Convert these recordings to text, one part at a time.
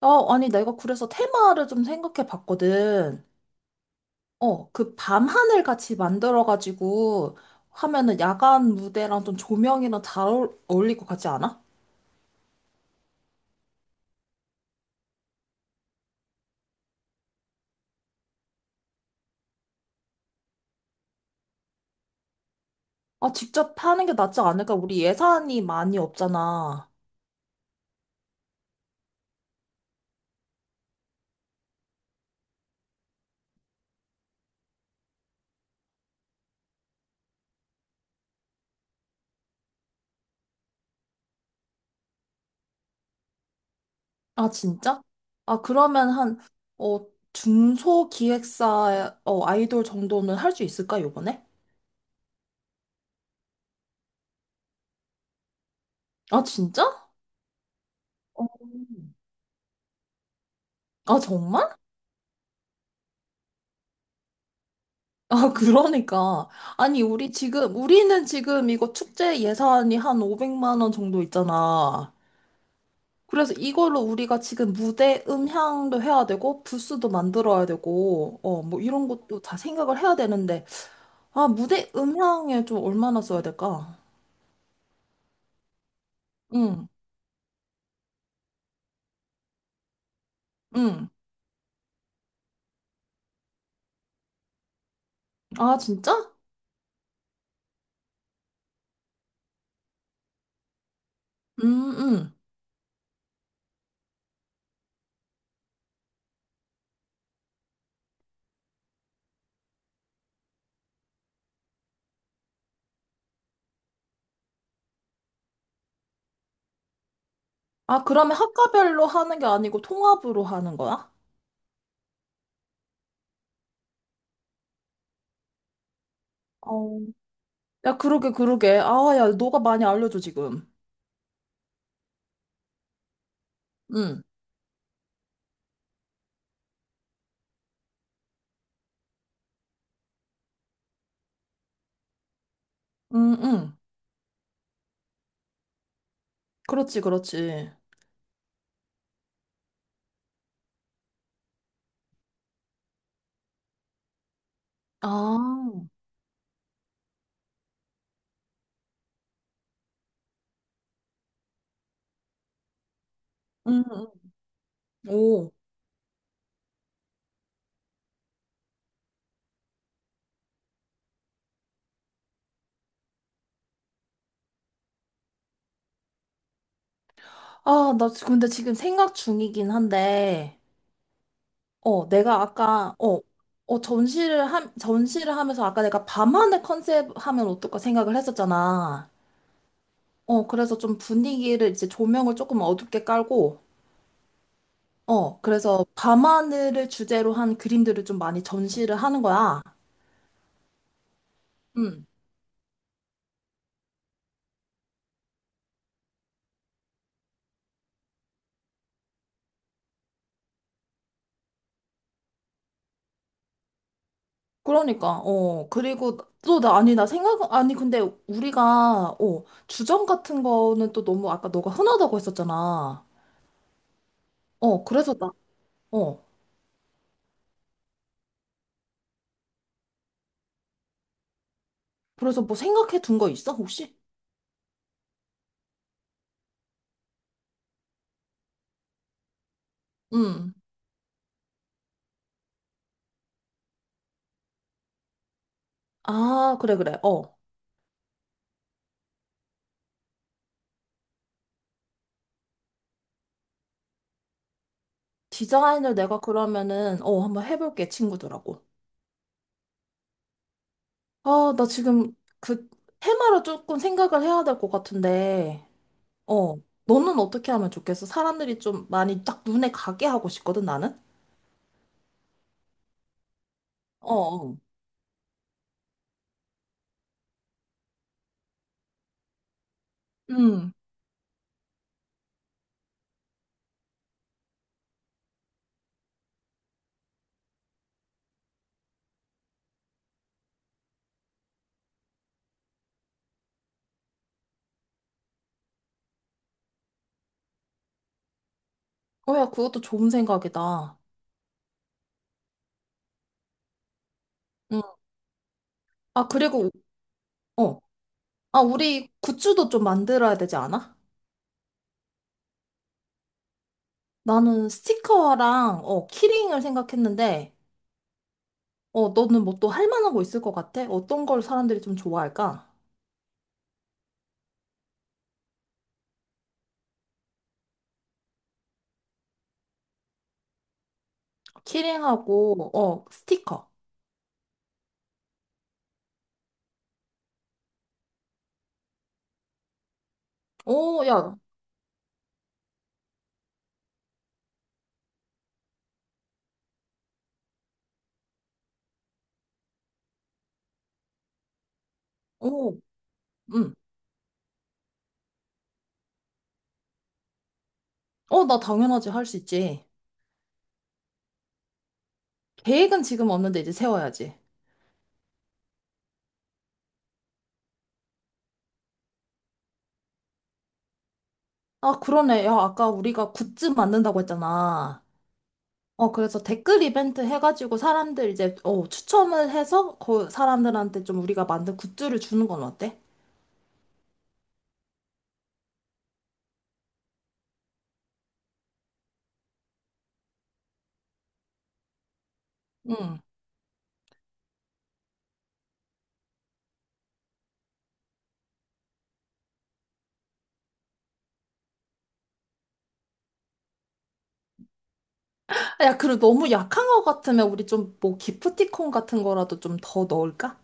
어, 아니, 내가 그래서 테마를 좀 생각해 봤거든. 그 밤하늘 같이 만들어가지고 하면은 야간 무대랑 좀 조명이랑 잘 어울릴 것 같지 않아? 아, 직접 하는 게 낫지 않을까? 우리 예산이 많이 없잖아. 아, 진짜? 아, 그러면 어, 중소 기획사, 아이돌 정도는 할 수 있을까, 요번에? 아, 진짜? 어. 아, 정말? 아, 그러니까. 아니, 우리 지금, 우리는 지금 이거 축제 예산이 한 500만 원 정도 있잖아. 그래서 이걸로 우리가 지금 무대 음향도 해야 되고, 부스도 만들어야 되고, 뭐 이런 것도 다 생각을 해야 되는데, 아, 무대 음향에 좀 얼마나 써야 될까? 응, 응. 아, 진짜? 음, 음. 아, 그러면 학과별로 하는 게 아니고 통합으로 하는 거야? 어. 야, 그러게, 그러게. 아, 야, 너가 많이 알려줘, 지금. 응, 응, 응. 그렇지, 그렇지. 아, 응응 오, 아, 근데 지금 생각 중이긴 한데, 어, 내가 아까, 어, 어, 전시를 하면서 아까 내가 밤하늘 컨셉 하면 어떨까 생각을 했었잖아. 그래서 좀 분위기를 이제 조명을 조금 어둡게 깔고, 그래서 밤하늘을 주제로 한 그림들을 좀 많이 전시를 하는 거야. 음. 그러니까, 어, 그리고 또 나, 아니, 나 생각, 아니, 근데 우리가, 어, 주점 같은 거는 또 너무 아까 너가 흔하다고 했었잖아. 어, 그래서 나, 어, 그래서 뭐 생각해 둔 거 있어, 혹시? 응. 아, 그래, 그래, 어. 디자인을 내가 그러면은, 어, 한번 해볼게, 친구들하고. 아, 나 지금 그 테마를 조금 생각을 해야 될 것 같은데, 어, 너는 어떻게 하면 좋겠어? 사람들이 좀 많이 딱 눈에 가게 하고 싶거든, 나는? 어, 어. 음. 어, 야, 그것도 좋은 생각이다. 응. 아, 그리고, 어. 아, 우리 굿즈도 좀 만들어야 되지 않아? 나는 스티커랑, 어, 키링을 생각했는데, 어, 너는 뭐 또 할 만한 거 있을 것 같아? 어떤 걸 사람들이 좀 좋아할까? 키링하고, 어, 스티커. 오, 야, 오, 응. 어, 나 당연하지. 할 수 있지. 계획은 지금 없는데 이제 세워야지. 아, 그러네. 야, 아까 우리가 굿즈 만든다고 했잖아. 어, 그래서 댓글 이벤트 해가지고 사람들 이제, 어, 추첨을 해서 그 사람들한테 좀 우리가 만든 굿즈를 주는 건 어때? 응. 아, 야, 그리고 너무 약한 것 같으면 우리 좀 뭐 기프티콘 같은 거라도 좀 더 넣을까?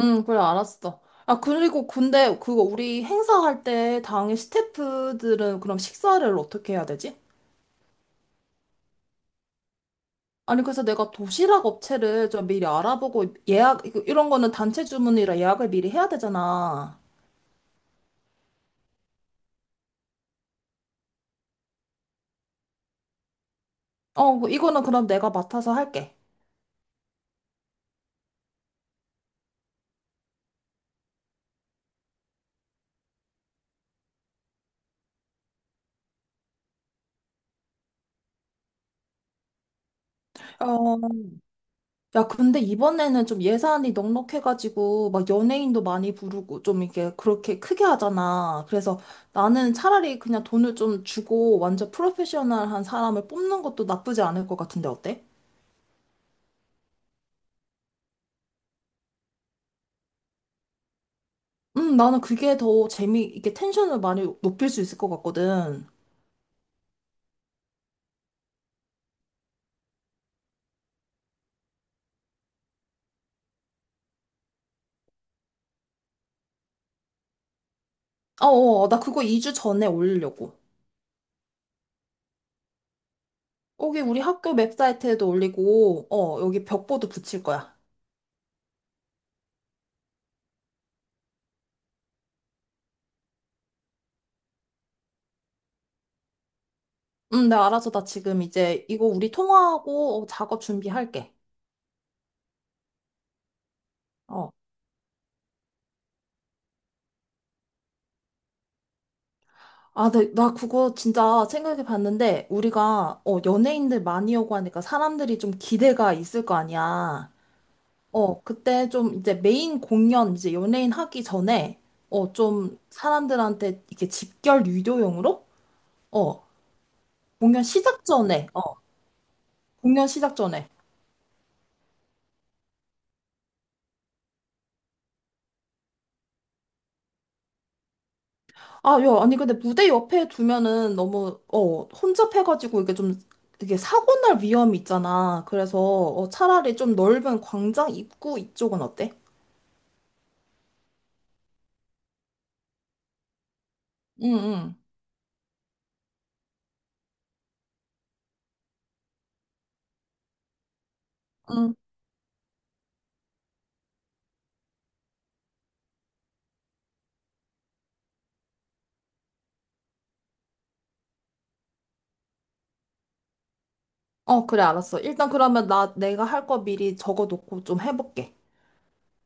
응, 그래, 알았어. 아, 그리고 근데 그거 우리 행사할 때 당일 스태프들은 그럼 식사를 어떻게 해야 되지? 아니, 그래서 내가 도시락 업체를 좀 미리 알아보고 이런 거는 단체 주문이라 예약을 미리 해야 되잖아. 어, 뭐 이거는 그럼 내가 맡아서 할게. 어, 야, 근데 이번에는 좀 예산이 넉넉해가지고, 막 연예인도 많이 부르고, 좀 이렇게 그렇게 크게 하잖아. 그래서 나는 차라리 그냥 돈을 좀 주고, 완전 프로페셔널한 사람을 뽑는 것도 나쁘지 않을 것 같은데, 어때? 나는 그게 더 재미, 이게 텐션을 많이 높일 수 있을 것 같거든. 어, 나 그거 2주 전에 올리려고. 여기 우리 학교 웹사이트에도 올리고, 어, 여기 벽보도 붙일 거야. 가 알아서 나 지금 이제 이거 우리 통화하고 어, 작업 준비할게. 어. 아, 네, 나 그거 진짜 생각해 봤는데, 우리가, 어, 연예인들 많이 오고 하니까 사람들이 좀 기대가 있을 거 아니야. 어, 그때 좀 이제 메인 공연, 이제 연예인 하기 전에, 어, 좀 사람들한테 이렇게 집결 유도용으로, 어, 공연 시작 전에, 어, 공연 시작 전에. 아, 야, 아니, 근데 무대 옆에 두면은 너무, 어, 혼잡해가지고 이게 좀, 이게 사고 날 위험이 있잖아. 그래서, 어, 차라리 좀 넓은 광장 입구 이쪽은 어때? 응, 응. 응. 어, 그래, 알았어. 일단 그러면 나 내가 할 거 미리 적어놓고 좀 해볼게.